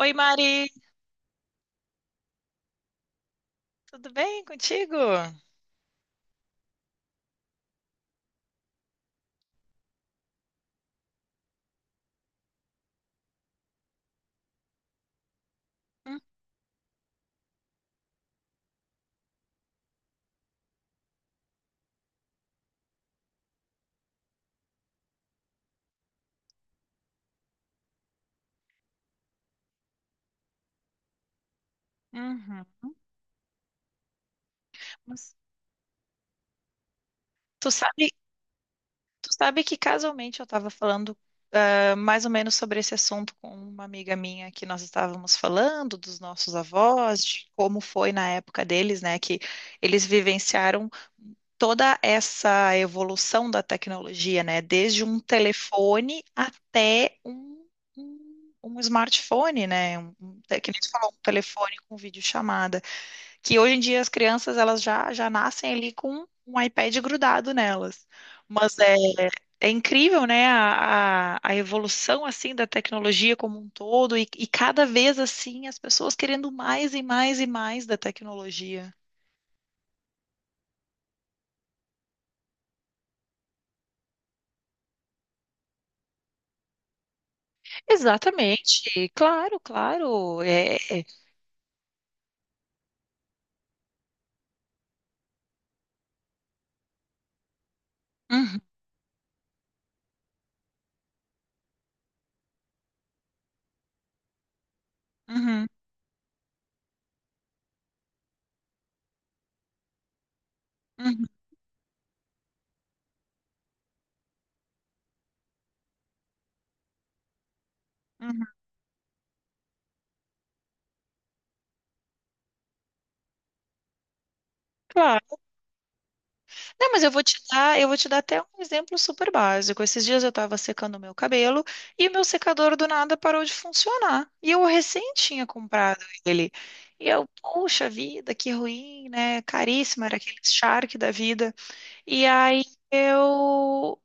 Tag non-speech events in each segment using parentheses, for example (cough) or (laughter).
Oi, Mari, tudo bem contigo? Hum. Uhum. Mas Tu sabe, tu sabe que casualmente eu estava falando mais ou menos sobre esse assunto com uma amiga minha que nós estávamos falando dos nossos avós, de como foi na época deles, né, que eles vivenciaram toda essa evolução da tecnologia, né, desde um telefone até um smartphone, né, que nem tu falou, um telefone com videochamada. Que hoje em dia as crianças elas já nascem ali com um iPad grudado nelas. Mas é, é incrível, né, a evolução assim da tecnologia como um todo e cada vez assim as pessoas querendo mais e mais e mais da tecnologia. Exatamente, claro, claro. É, é. Uhum, uhum, uhum, uhum. Claro. Não, mas eu vou te dar, eu vou te dar até um exemplo super básico. Esses dias eu estava secando o meu cabelo e o meu secador do nada parou de funcionar. E eu recém tinha comprado ele. E eu, poxa vida, que ruim, né? Caríssimo, era aquele Shark da vida. E aí eu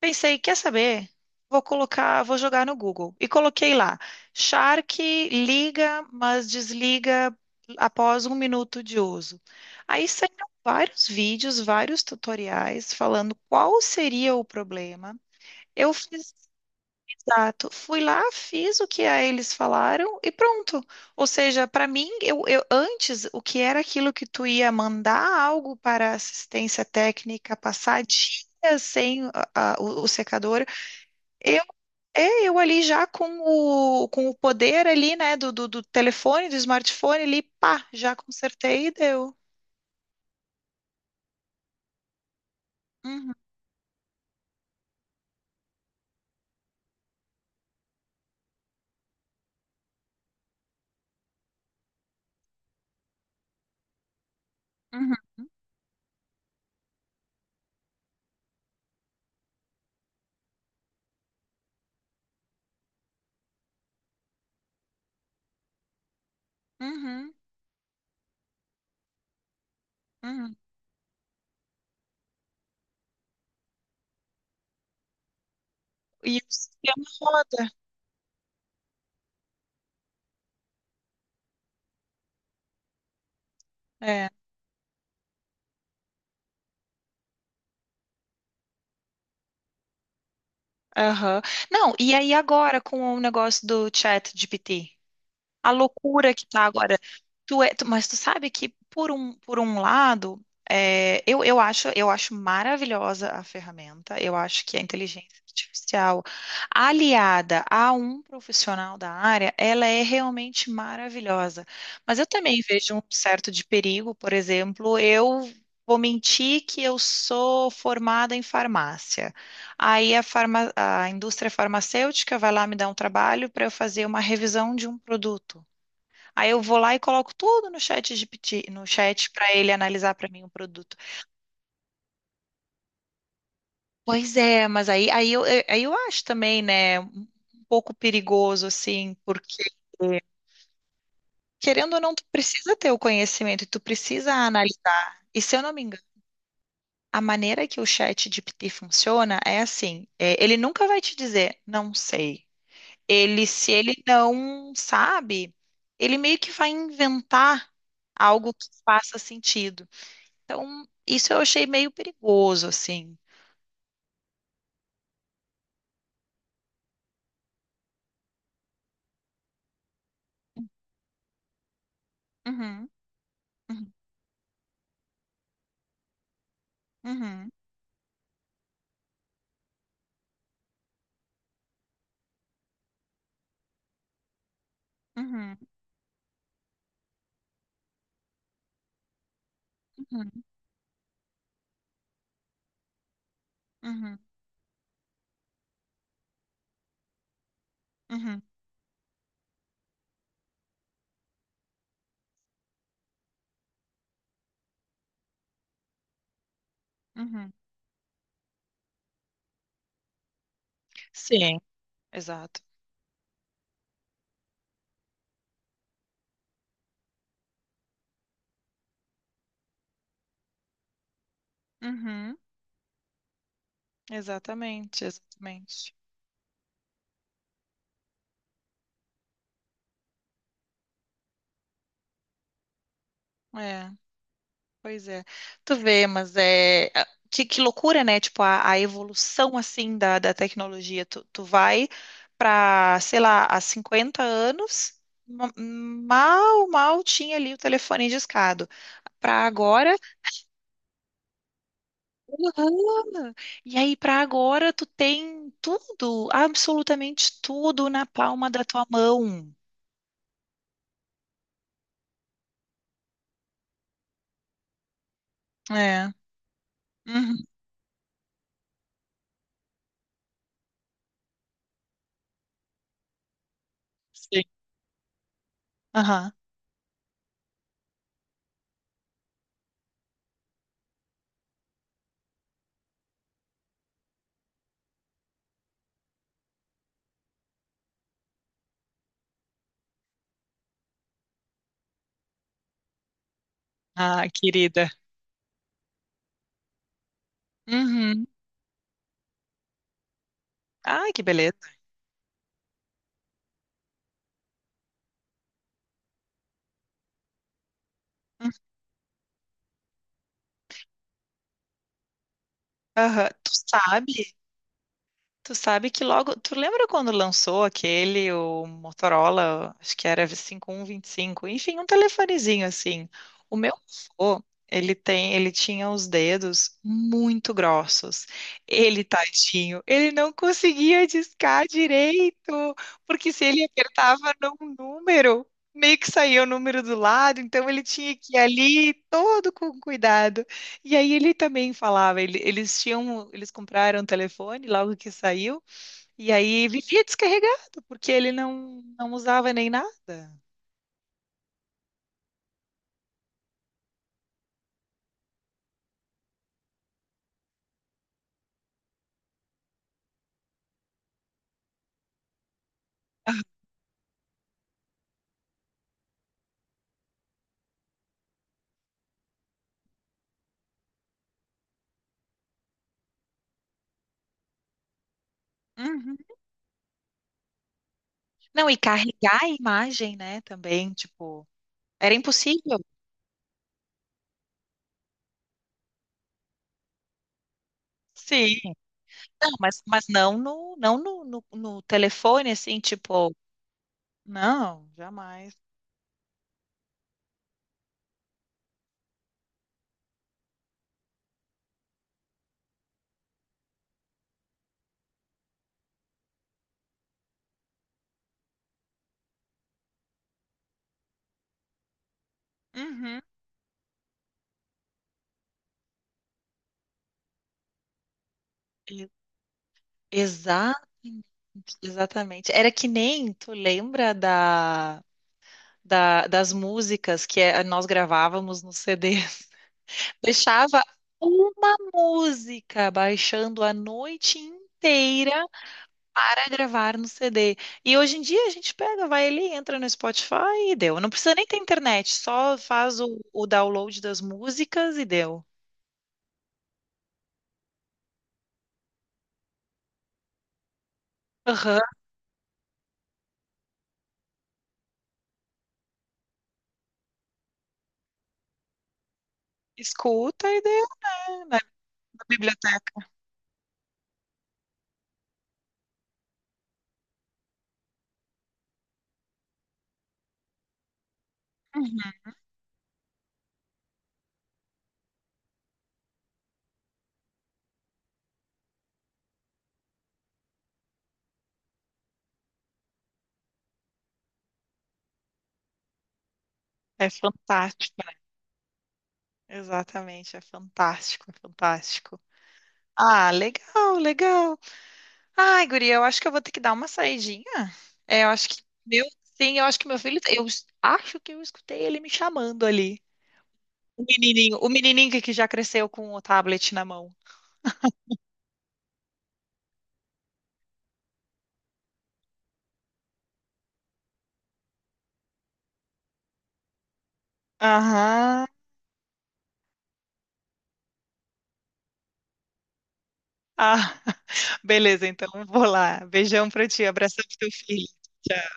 Pensei, quer saber? Vou jogar no Google. E coloquei lá, Shark liga, mas desliga após um minuto de uso. Aí saíram vários vídeos, vários tutoriais falando qual seria o problema. Eu fiz, exato, fui lá, fiz o que a eles falaram e pronto. Ou seja, para mim, eu antes, o que era aquilo que tu ia mandar algo para assistência técnica, passar dias sem o secador, eu, eu ali já com com o poder ali, né, do telefone, do smartphone ali, pá, já consertei e deu. Uhum, uhum, uhum, uhum. E o sistema roda. É, aham. Não, e aí agora com o negócio do chat GPT? A loucura que tá agora. Mas tu sabe que por um lado, eu acho maravilhosa a ferramenta. Eu acho que a inteligência artificial aliada a um profissional da área, ela é realmente maravilhosa. Mas eu também vejo um certo de perigo, por exemplo, eu vou mentir que eu sou formada em farmácia. A indústria farmacêutica vai lá me dar um trabalho para eu fazer uma revisão de um produto. Aí eu vou lá e coloco tudo no chat GPT, no chat para ele analisar para mim o produto. Pois é, mas aí eu acho também, né, um pouco perigoso, assim, porque querendo ou não, tu precisa ter o conhecimento e tu precisa analisar. E se eu não me engano, a maneira que o chat GPT funciona é assim, é, ele nunca vai te dizer, não sei. Ele, se ele não sabe, ele meio que vai inventar algo que faça sentido. Então, isso eu achei meio perigoso, assim. Uhum, uhum, uhum, uhum, uhum, uhum, uhum, uhum. Sim. Exato. Uhum, exatamente, exatamente. É, pois é. Tu vê, mas é. A- que loucura, né? Tipo, a evolução, assim, da tecnologia. Tu vai para, sei lá, há 50 anos, mal tinha ali o telefone discado. Para agora. Aham. E aí, para agora, tu tem tudo, absolutamente tudo na palma da tua mão. É. Uhum. Sim. Aham. Ah, querida. Uhum. Ai, que beleza. Uhum. Aham. Tu sabe? Tu sabe que logo. Tu lembra quando lançou aquele, o Motorola, acho que era 5125, enfim, um telefonezinho assim. O meu avô, ele tinha os dedos muito grossos. Ele, tadinho, ele não conseguia discar direito, porque se ele apertava num número, meio que saía o número do lado, então ele tinha que ir ali todo com cuidado. E aí ele também falava, eles compraram um telefone logo que saiu, e aí vivia descarregado, porque ele não usava nem nada. Uhum. Não, e carregar a imagem, né, também, tipo, era impossível. Sim. Não, mas não no telefone, assim, tipo, não, jamais. Uhum. E- Exatamente, exatamente. Era que nem, tu lembra das músicas que nós gravávamos no CD. (laughs) Deixava uma música baixando a noite inteira para gravar no CD. E hoje em dia a gente pega, vai ali, entra no Spotify e deu. Não precisa nem ter internet, só faz o download das músicas e deu. Aham. Escuta e deu, né, na biblioteca. É fantástico, né? Exatamente, é fantástico, é fantástico. Ah, legal, legal. Ai, guria, eu acho que eu vou ter que dar uma saidinha. É, eu acho que meu, sim, eu acho que meu filho, acho que eu escutei ele me chamando ali. O menininho que já cresceu com o tablet na mão. Aham. Ah, (laughs) beleza, então vou lá. Beijão pra ti, abração pro teu filho. Tchau.